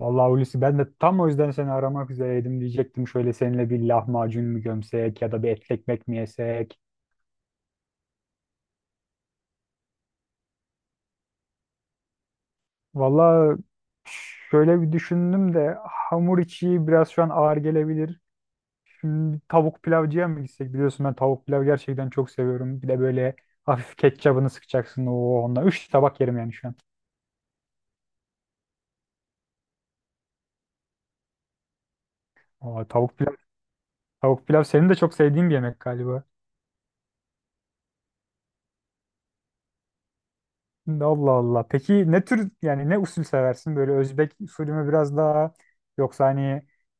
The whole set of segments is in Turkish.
Vallahi Hulusi ben de tam o yüzden seni aramak üzereydim diyecektim. Şöyle seninle bir lahmacun mu gömsek ya da bir etli ekmek mi yesek? Vallahi şöyle bir düşündüm de hamur içi biraz şu an ağır gelebilir. Şimdi tavuk pilavcıya mı gitsek? Biliyorsun ben tavuk pilav gerçekten çok seviyorum. Bir de böyle hafif ketçabını sıkacaksın. Oo, onunla üç tabak yerim yani şu an. Aa, tavuk pilav, tavuk pilav senin de çok sevdiğin bir yemek galiba. Allah Allah. Peki ne tür yani ne usul seversin? Böyle Özbek usulü mü biraz daha yoksa hani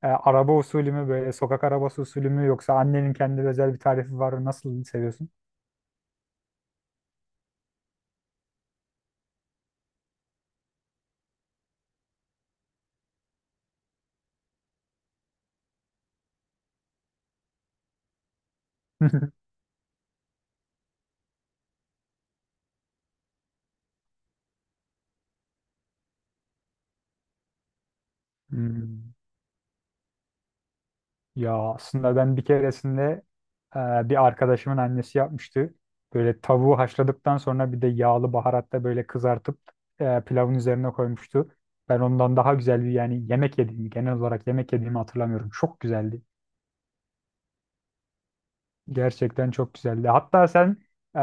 araba usulü mü böyle sokak arabası usulü mü yoksa annenin kendi özel bir tarifi var mı? Nasıl seviyorsun? Hmm. Ya aslında ben bir keresinde e, bir arkadaşımın annesi yapmıştı. Böyle tavuğu haşladıktan sonra bir de yağlı baharatta böyle kızartıp pilavın üzerine koymuştu. Ben ondan daha güzel bir yani yemek yediğimi genel olarak yemek yediğimi hatırlamıyorum. Çok güzeldi. Gerçekten çok güzeldi. Hatta sen e,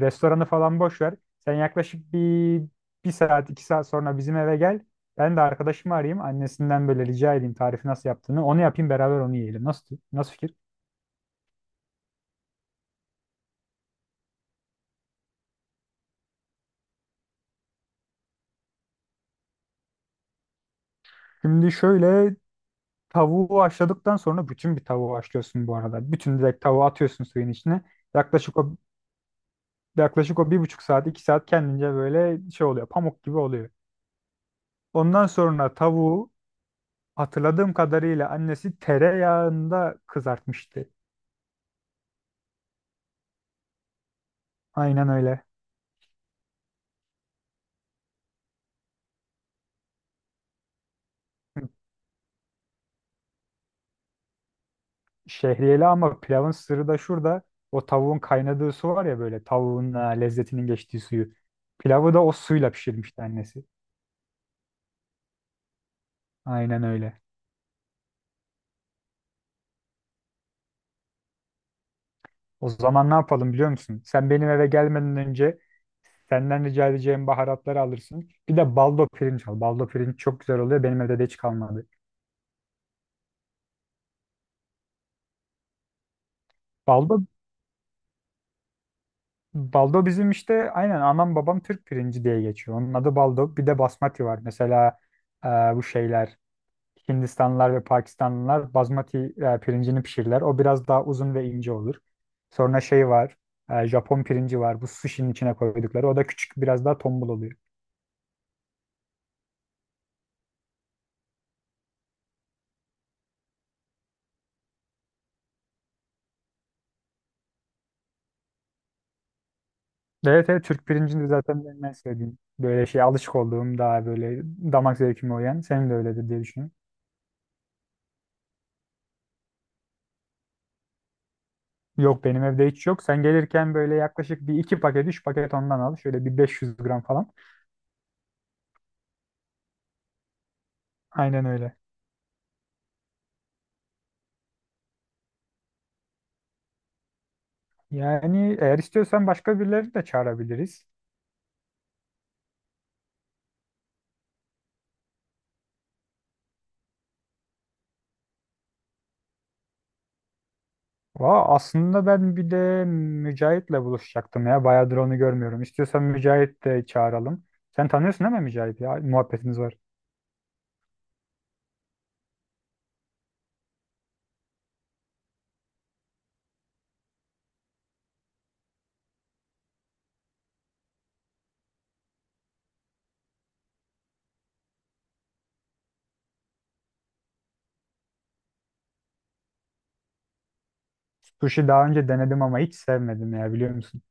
restoranı falan boş ver. Sen yaklaşık bir saat, iki saat sonra bizim eve gel. Ben de arkadaşımı arayayım. Annesinden böyle rica edeyim tarifi nasıl yaptığını. Onu yapayım beraber onu yiyelim. Nasıl fikir? Şimdi şöyle tavuğu haşladıktan sonra bütün bir tavuğu haşlıyorsun bu arada. Bütün direkt tavuğu atıyorsun suyun içine. Yaklaşık o yaklaşık o 1,5 saat, 2 saat kendince böyle şey oluyor. Pamuk gibi oluyor. Ondan sonra tavuğu. Hatırladığım kadarıyla annesi tereyağında kızartmıştı. Aynen öyle. Şehriyeli ama pilavın sırrı da şurada. O tavuğun kaynadığı su var ya böyle tavuğun ha, lezzetinin geçtiği suyu. Pilavı da o suyla pişirmişti annesi. Aynen öyle. O zaman ne yapalım biliyor musun? Sen benim eve gelmeden önce senden rica edeceğim baharatları alırsın. Bir de baldo pirinç al. Baldo pirinç çok güzel oluyor. Benim evde de hiç kalmadı. Baldo Baldo bizim işte aynen anam babam Türk pirinci diye geçiyor. Onun adı baldo. Bir de basmati var. Mesela bu şeyler Hindistanlılar ve Pakistanlılar basmati pirincini pişirirler. O biraz daha uzun ve ince olur. Sonra şey var. Japon pirinci var. Bu sushi'nin içine koydukları. O da küçük biraz daha tombul oluyor. Evet evet Türk pirincini de zaten benim en sevdiğim. Böyle şey alışık olduğum daha böyle damak zevkime uyan. Senin de öyledir diye düşünüyorum. Yok benim evde hiç yok. Sen gelirken böyle yaklaşık bir iki paket, üç paket ondan al. Şöyle bir 500 gram falan. Aynen öyle. Yani eğer istiyorsan başka birileri de çağırabiliriz. Vaa aslında ben bir de Mücahit'le buluşacaktım ya. Bayağıdır onu görmüyorum. İstiyorsan Mücahit de çağıralım. Sen tanıyorsun değil mi Mücahit ya? Muhabbetiniz var. Sushi daha önce denedim ama hiç sevmedim ya biliyor musun?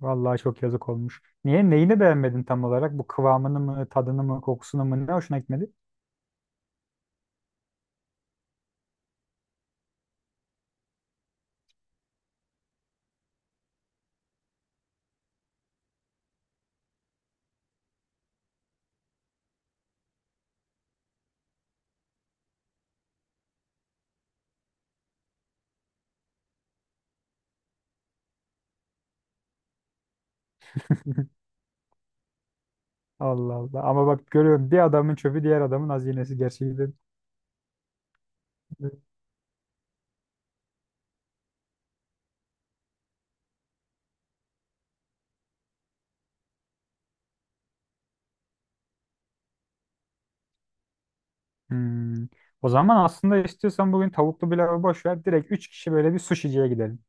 Vallahi çok yazık olmuş. Niye? Neyini beğenmedin tam olarak? Bu kıvamını mı, tadını mı, kokusunu mu? Ne hoşuna gitmedi? Allah Allah. Ama bak görüyorum bir adamın çöpü diğer adamın hazinesi gerçekten. Hmm. O zaman aslında istiyorsan bugün tavuklu pilavı boş ver. Direkt 3 kişi böyle bir suşiciye gidelim.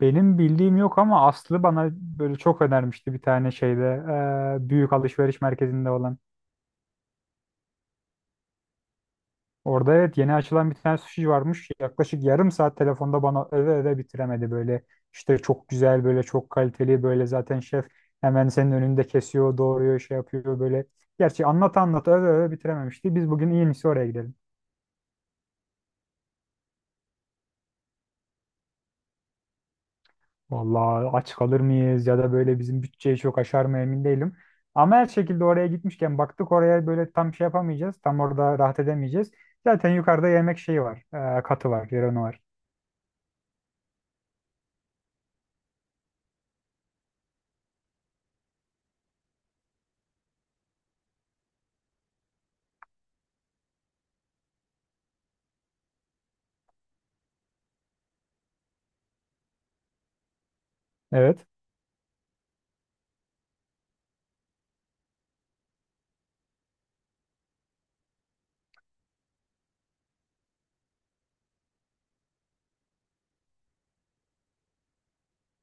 Benim bildiğim yok ama Aslı bana böyle çok önermişti bir tane şeyde. Büyük alışveriş merkezinde olan. Orada evet yeni açılan bir tane sushi varmış. Yaklaşık yarım saat telefonda bana öve öve bitiremedi böyle. İşte çok güzel böyle çok kaliteli böyle zaten şef hemen senin önünde kesiyor, doğruyor, şey yapıyor böyle. Gerçi anlat anlat öve öve bitirememişti. Biz bugün en iyisi oraya gidelim. Vallahi aç kalır mıyız ya da böyle bizim bütçeyi çok aşar mı emin değilim. Ama her şekilde oraya gitmişken baktık oraya böyle tam şey yapamayacağız. Tam orada rahat edemeyeceğiz. Zaten yukarıda yemek şeyi var. Katı var, yeri var. Evet.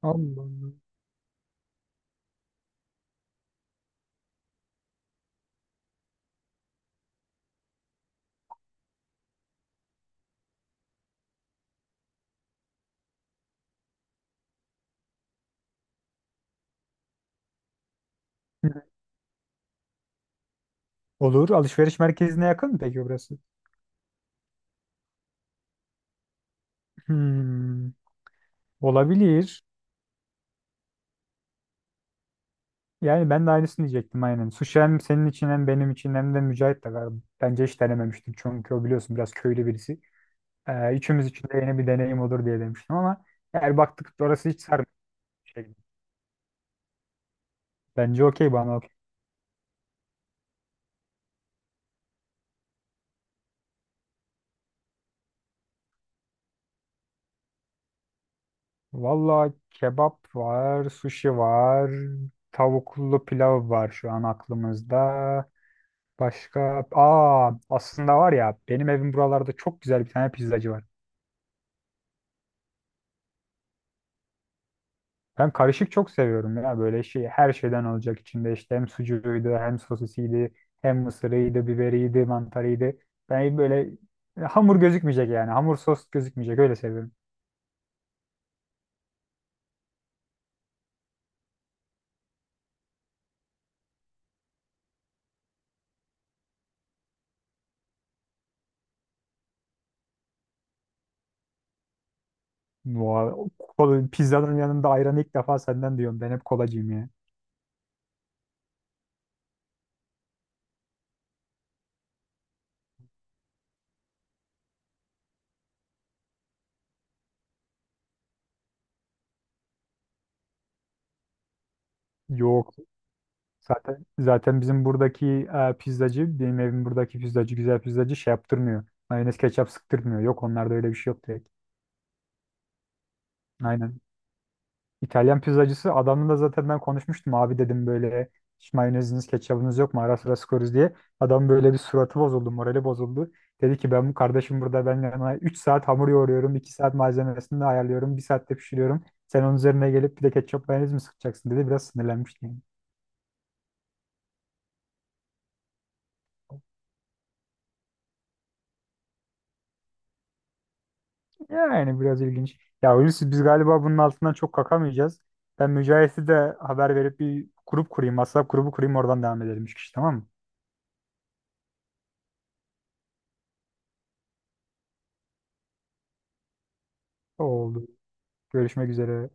Allah Allah. Olur. Alışveriş merkezine yakın mı peki burası? Hmm, olabilir. Yani ben de aynısını diyecektim aynen. Sushi hem senin için hem benim için hem de Mücahit de galiba. Bence hiç denememiştim çünkü o biliyorsun biraz köylü birisi. Üçümüz için de yeni bir deneyim olur diye demiştim ama eğer baktık orası hiç sarmıyor. Şey, bence okey bana. Valla kebap var, sushi var, tavuklu pilav var şu an aklımızda. Başka? Aa, aslında var ya benim evim buralarda çok güzel bir tane pizzacı var. Ben karışık çok seviyorum ya böyle şey her şeyden olacak içinde işte hem sucuğuydu hem sosisiydi hem mısırıydı biberiydi mantarıydı. Ben böyle hamur gözükmeyecek yani hamur sos gözükmeyecek öyle seviyorum. Vay, o kola- pizzanın yanında ayranı ilk defa senden diyorum ben hep kolacıyım ya. Yok zaten bizim buradaki pizzacı benim evim buradaki pizzacı güzel pizzacı şey yaptırmıyor. Mayonez ketçap sıktırmıyor yok onlarda öyle bir şey yok direkt. Aynen İtalyan pizzacısı adamla da zaten ben konuşmuştum abi dedim böyle hiç mayoneziniz ketçabınız yok mu ara sıra sıkıyoruz diye. Adam böyle bir suratı bozuldu morali bozuldu. Dedi ki ben bu kardeşim burada ben yana 3 saat hamur yoğuruyorum 2 saat malzemesini de ayarlıyorum 1 saatte pişiriyorum. Sen onun üzerine gelip bir de ketçap mayonez mi sıkacaksın dedi biraz sinirlenmiştim. Yani biraz ilginç. Ya Hulusi biz galiba bunun altından çok kalkamayacağız. Ben Mücahit'e de haber verip bir grup kurayım. WhatsApp grubu kurayım oradan devam edelim 3 kişi tamam mı? Oldu. Görüşmek üzere.